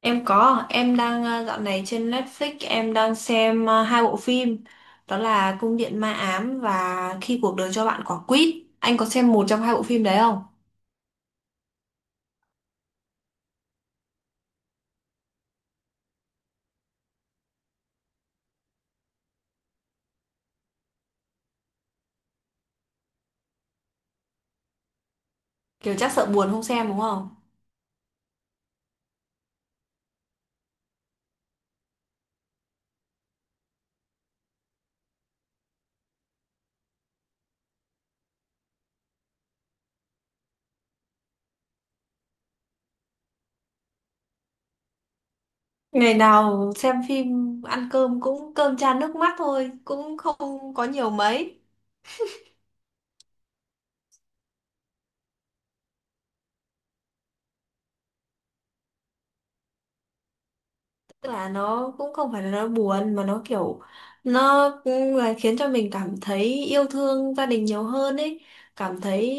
Em có, dạo này trên Netflix em đang xem hai bộ phim đó là Cung điện ma ám và Khi cuộc đời cho bạn quả quýt. Anh có xem một trong hai bộ phim đấy không? Kiểu chắc sợ buồn không xem đúng không? Ngày nào xem phim ăn cơm cũng cơm chan nước mắt thôi, cũng không có nhiều mấy. Tức là nó cũng không phải là nó buồn mà nó kiểu nó cũng là khiến cho mình cảm thấy yêu thương gia đình nhiều hơn ấy. Cảm thấy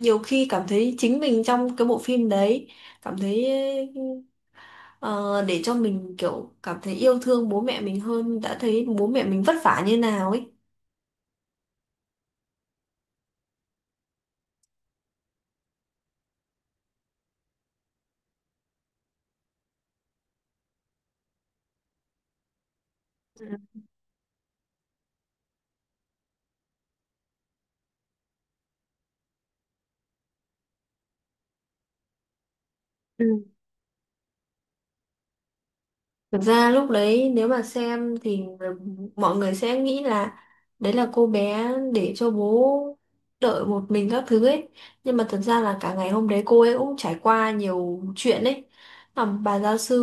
Nhiều khi cảm thấy chính mình trong cái bộ phim đấy. cảm thấy ờ, để cho mình kiểu cảm thấy yêu thương bố mẹ mình hơn, đã thấy bố mẹ mình vất vả như nào ấy. Ừ. Thực ra lúc đấy nếu mà xem thì mọi người sẽ nghĩ là đấy là cô bé để cho bố đợi một mình các thứ ấy. Nhưng mà thật ra là cả ngày hôm đấy cô ấy cũng trải qua nhiều chuyện ấy. À, bà gia sư,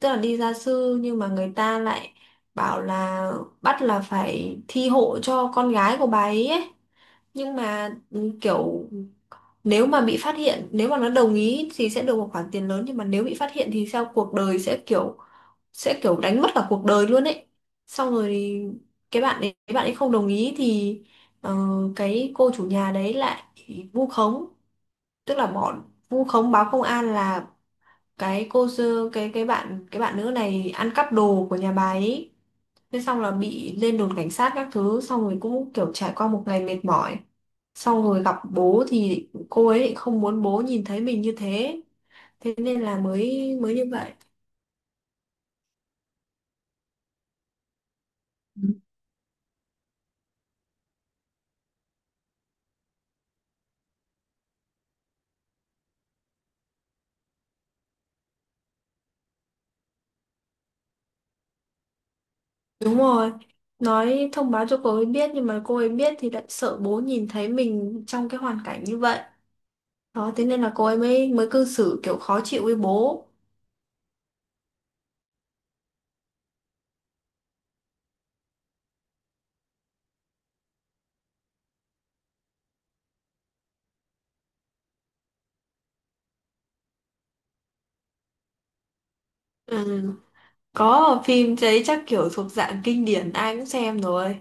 tức là đi gia sư, nhưng mà người ta lại bảo là bắt là phải thi hộ cho con gái của bà ấy ấy. Nhưng mà kiểu nếu mà bị phát hiện, nếu mà nó đồng ý thì sẽ được một khoản tiền lớn, nhưng mà nếu bị phát hiện thì sao cuộc đời sẽ kiểu đánh mất cả cuộc đời luôn ấy. Xong rồi thì cái bạn ấy không đồng ý thì ờ, cái cô chủ nhà đấy lại vu khống, tức là bọn vu khống báo công an là cái cô sơ- cái bạn nữ này ăn cắp đồ của nhà bà ấy. Thế xong là bị lên đồn cảnh sát các thứ, xong rồi cũng kiểu trải qua một ngày mệt mỏi, xong rồi gặp bố thì cô ấy lại không muốn bố nhìn thấy mình như thế, thế nên là mới mới như vậy. Đúng rồi, nói thông báo cho cô ấy biết, nhưng mà cô ấy biết thì lại sợ bố nhìn thấy mình trong cái hoàn cảnh như vậy. Đó, thế nên là cô ấy mới mới cư xử kiểu khó chịu với bố. Ừ. Có, phim đấy chắc kiểu thuộc dạng kinh điển, ai cũng xem rồi.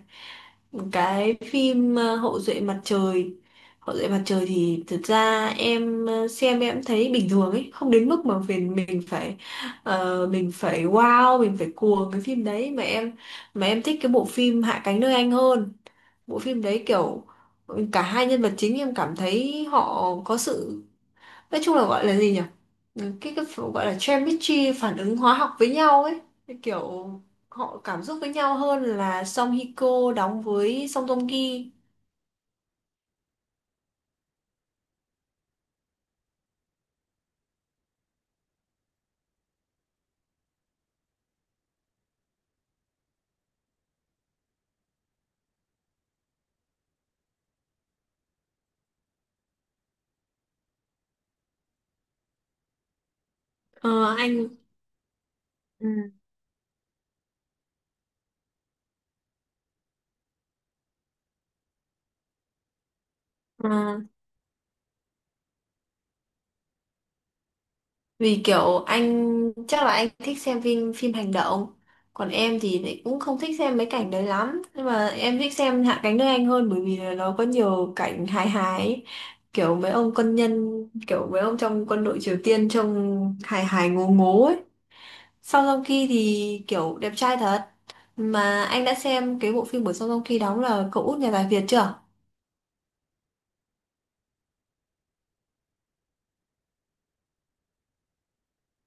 Cái phim Hậu duệ mặt trời. Hậu duệ mặt trời thì thực ra em xem em thấy bình thường ấy, không đến mức mà mình phải mình phải wow, mình phải cuồng cái phim đấy, mà em thích cái bộ phim Hạ cánh nơi anh hơn. Bộ phim đấy kiểu cả hai nhân vật chính em cảm thấy họ có sự, nói chung là gọi là gì nhỉ. Ừ, gọi là chemistry, phản ứng hóa học với nhau ấy. Cái kiểu họ cảm xúc với nhau hơn là Song Hye Kyo đóng với Song Joong Ki. Ờ, anh. Ừ. ờ, Vì kiểu anh, chắc là anh thích xem phim phim hành động, còn em thì lại cũng không thích xem mấy cảnh đấy lắm, nhưng mà em thích xem Hạ cánh nơi anh hơn bởi vì là nó có nhiều cảnh hài hài ấy. kiểu mấy ông quân nhân Kiểu mấy ông trong quân đội Triều Tiên trông hài hài ngố ngố ấy. Song Joong Ki thì kiểu đẹp trai thật. Mà anh đã xem cái bộ phim của Song Joong Ki đóng là cậu út nhà tài phiệt chưa?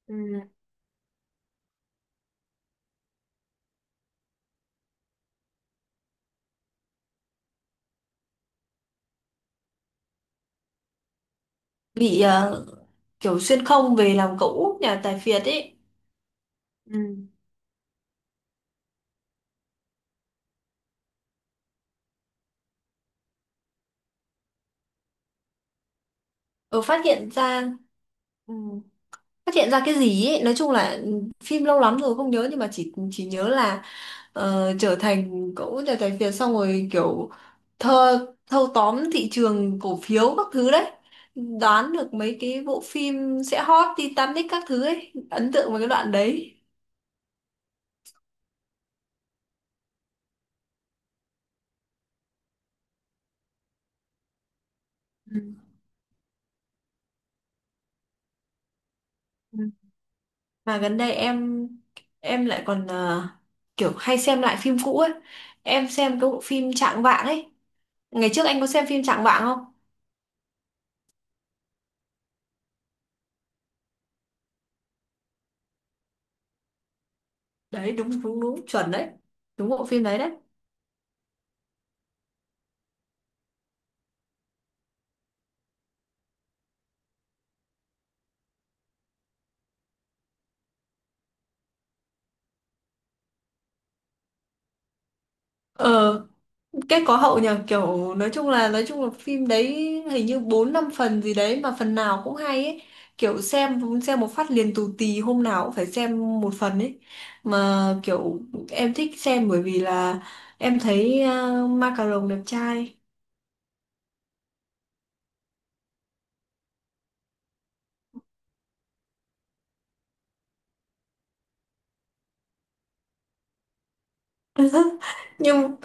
Ừ. Bị kiểu xuyên không về làm cậu út nhà tài phiệt ấy. Ừ. Ờ, phát hiện ra Ừ. Phát hiện ra cái gì ấy. Nói chung là phim lâu lắm rồi không nhớ, nhưng mà chỉ nhớ là trở thành cậu út nhà tài phiệt, xong rồi kiểu thơ thâu tóm thị trường cổ phiếu các thứ đấy, đoán được mấy cái bộ phim sẽ hot, Titanic các thứ ấy, ấn tượng với cái đoạn đấy. Ừ. Ừ. Mà gần đây em lại còn kiểu hay xem lại phim cũ ấy. Em xem cái bộ phim Trạng Vạng ấy. Ngày trước anh có xem phim Trạng Vạng không? Đấy đúng đúng đúng, chuẩn đấy, đúng bộ phim đấy đấy. ờ Kết có hậu nhờ, kiểu nói chung là phim đấy hình như bốn năm phần gì đấy mà phần nào cũng hay ấy. Kiểu xem một phát liền tù tì, hôm nào cũng phải xem một phần ấy. Mà kiểu em thích xem bởi vì là em thấy Ma Cà Rồng đẹp trai. Nhưng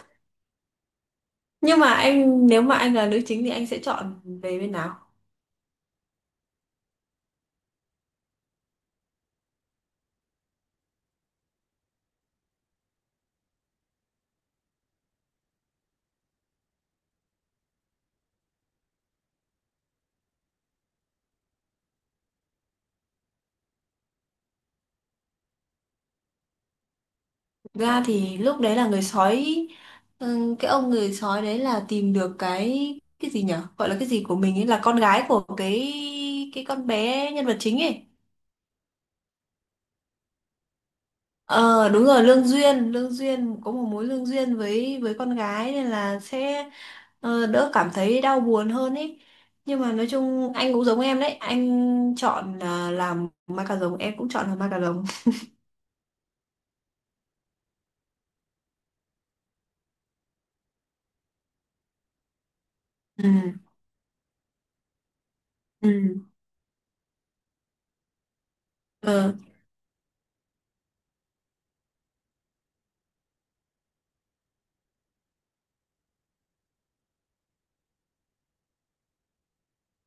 mà anh, nếu mà anh là nữ chính thì anh sẽ chọn về bên nào? Ra thì lúc đấy là người sói. Cái ông người sói đấy là tìm được cái gì nhở, gọi là cái gì của mình ấy, là con gái của cái con bé nhân vật chính ấy. Ờ Đúng rồi, lương duyên, có một mối lương duyên với con gái, nên là sẽ đỡ cảm thấy đau buồn hơn ấy. Nhưng mà nói chung anh cũng giống em đấy, anh chọn là làm ma cà rồng, em cũng chọn làm ma cà rồng. Ừ, ừ. ờ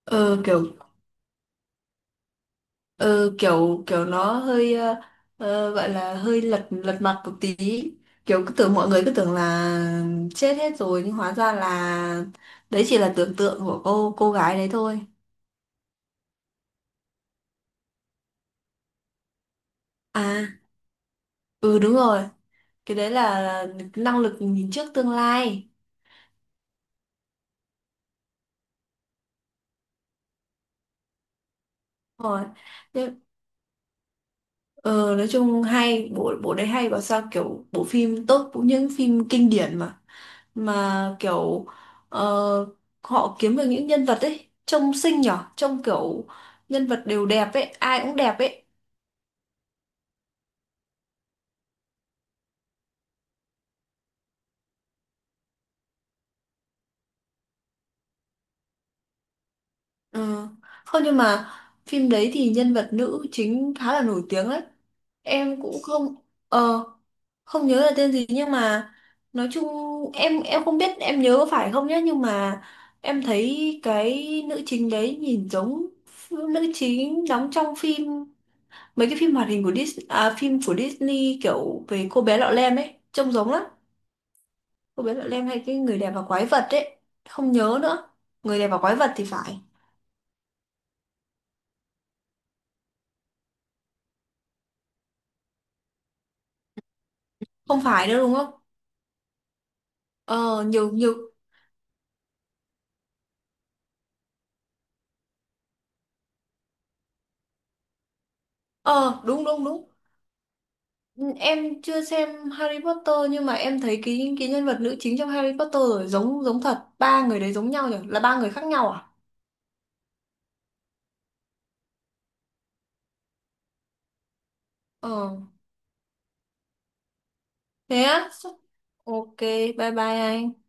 ờ, Kiểu. Ừ, kiểu kiểu nó hơi gọi là hơi lật lật mặt một tí. Kiểu cứ tưởng Mọi người cứ tưởng là chết hết rồi nhưng hóa ra là đấy chỉ là tưởng tượng của cô gái đấy thôi. À. Ừ, đúng rồi, cái đấy là năng lực nhìn trước tương lai. Đúng rồi. Thế- ờ, nói chung hay, bộ bộ đấy hay, bảo sao kiểu bộ phim tốt cũng những phim kinh điển mà. Mà kiểu ờ, họ kiếm được những nhân vật ấy trông xinh nhở, trông kiểu nhân vật đều đẹp ấy, ai cũng đẹp ấy. Ừ. Không nhưng mà phim đấy thì nhân vật nữ chính khá là nổi tiếng đấy. Em cũng không, ờ không nhớ là tên gì, nhưng mà nói chung em không biết em nhớ có phải không nhé, nhưng mà em thấy cái nữ chính đấy nhìn giống nữ chính đóng trong phim, mấy cái phim hoạt hình của Disney à, phim của Disney kiểu về cô bé Lọ Lem ấy, trông giống lắm. Cô bé Lọ Lem hay cái người đẹp và quái vật ấy, không nhớ nữa, người đẹp và quái vật thì phải. Không phải nữa đúng không? Ờ Nhiều nhiều. Ờ đúng đúng đúng. Ừ, em chưa xem Harry Potter nhưng mà em thấy cái nhân vật nữ chính trong Harry Potter rồi, giống giống thật, ba người đấy giống nhau nhỉ, là ba người khác nhau à? ờ Thế á. Ok, bye bye anh.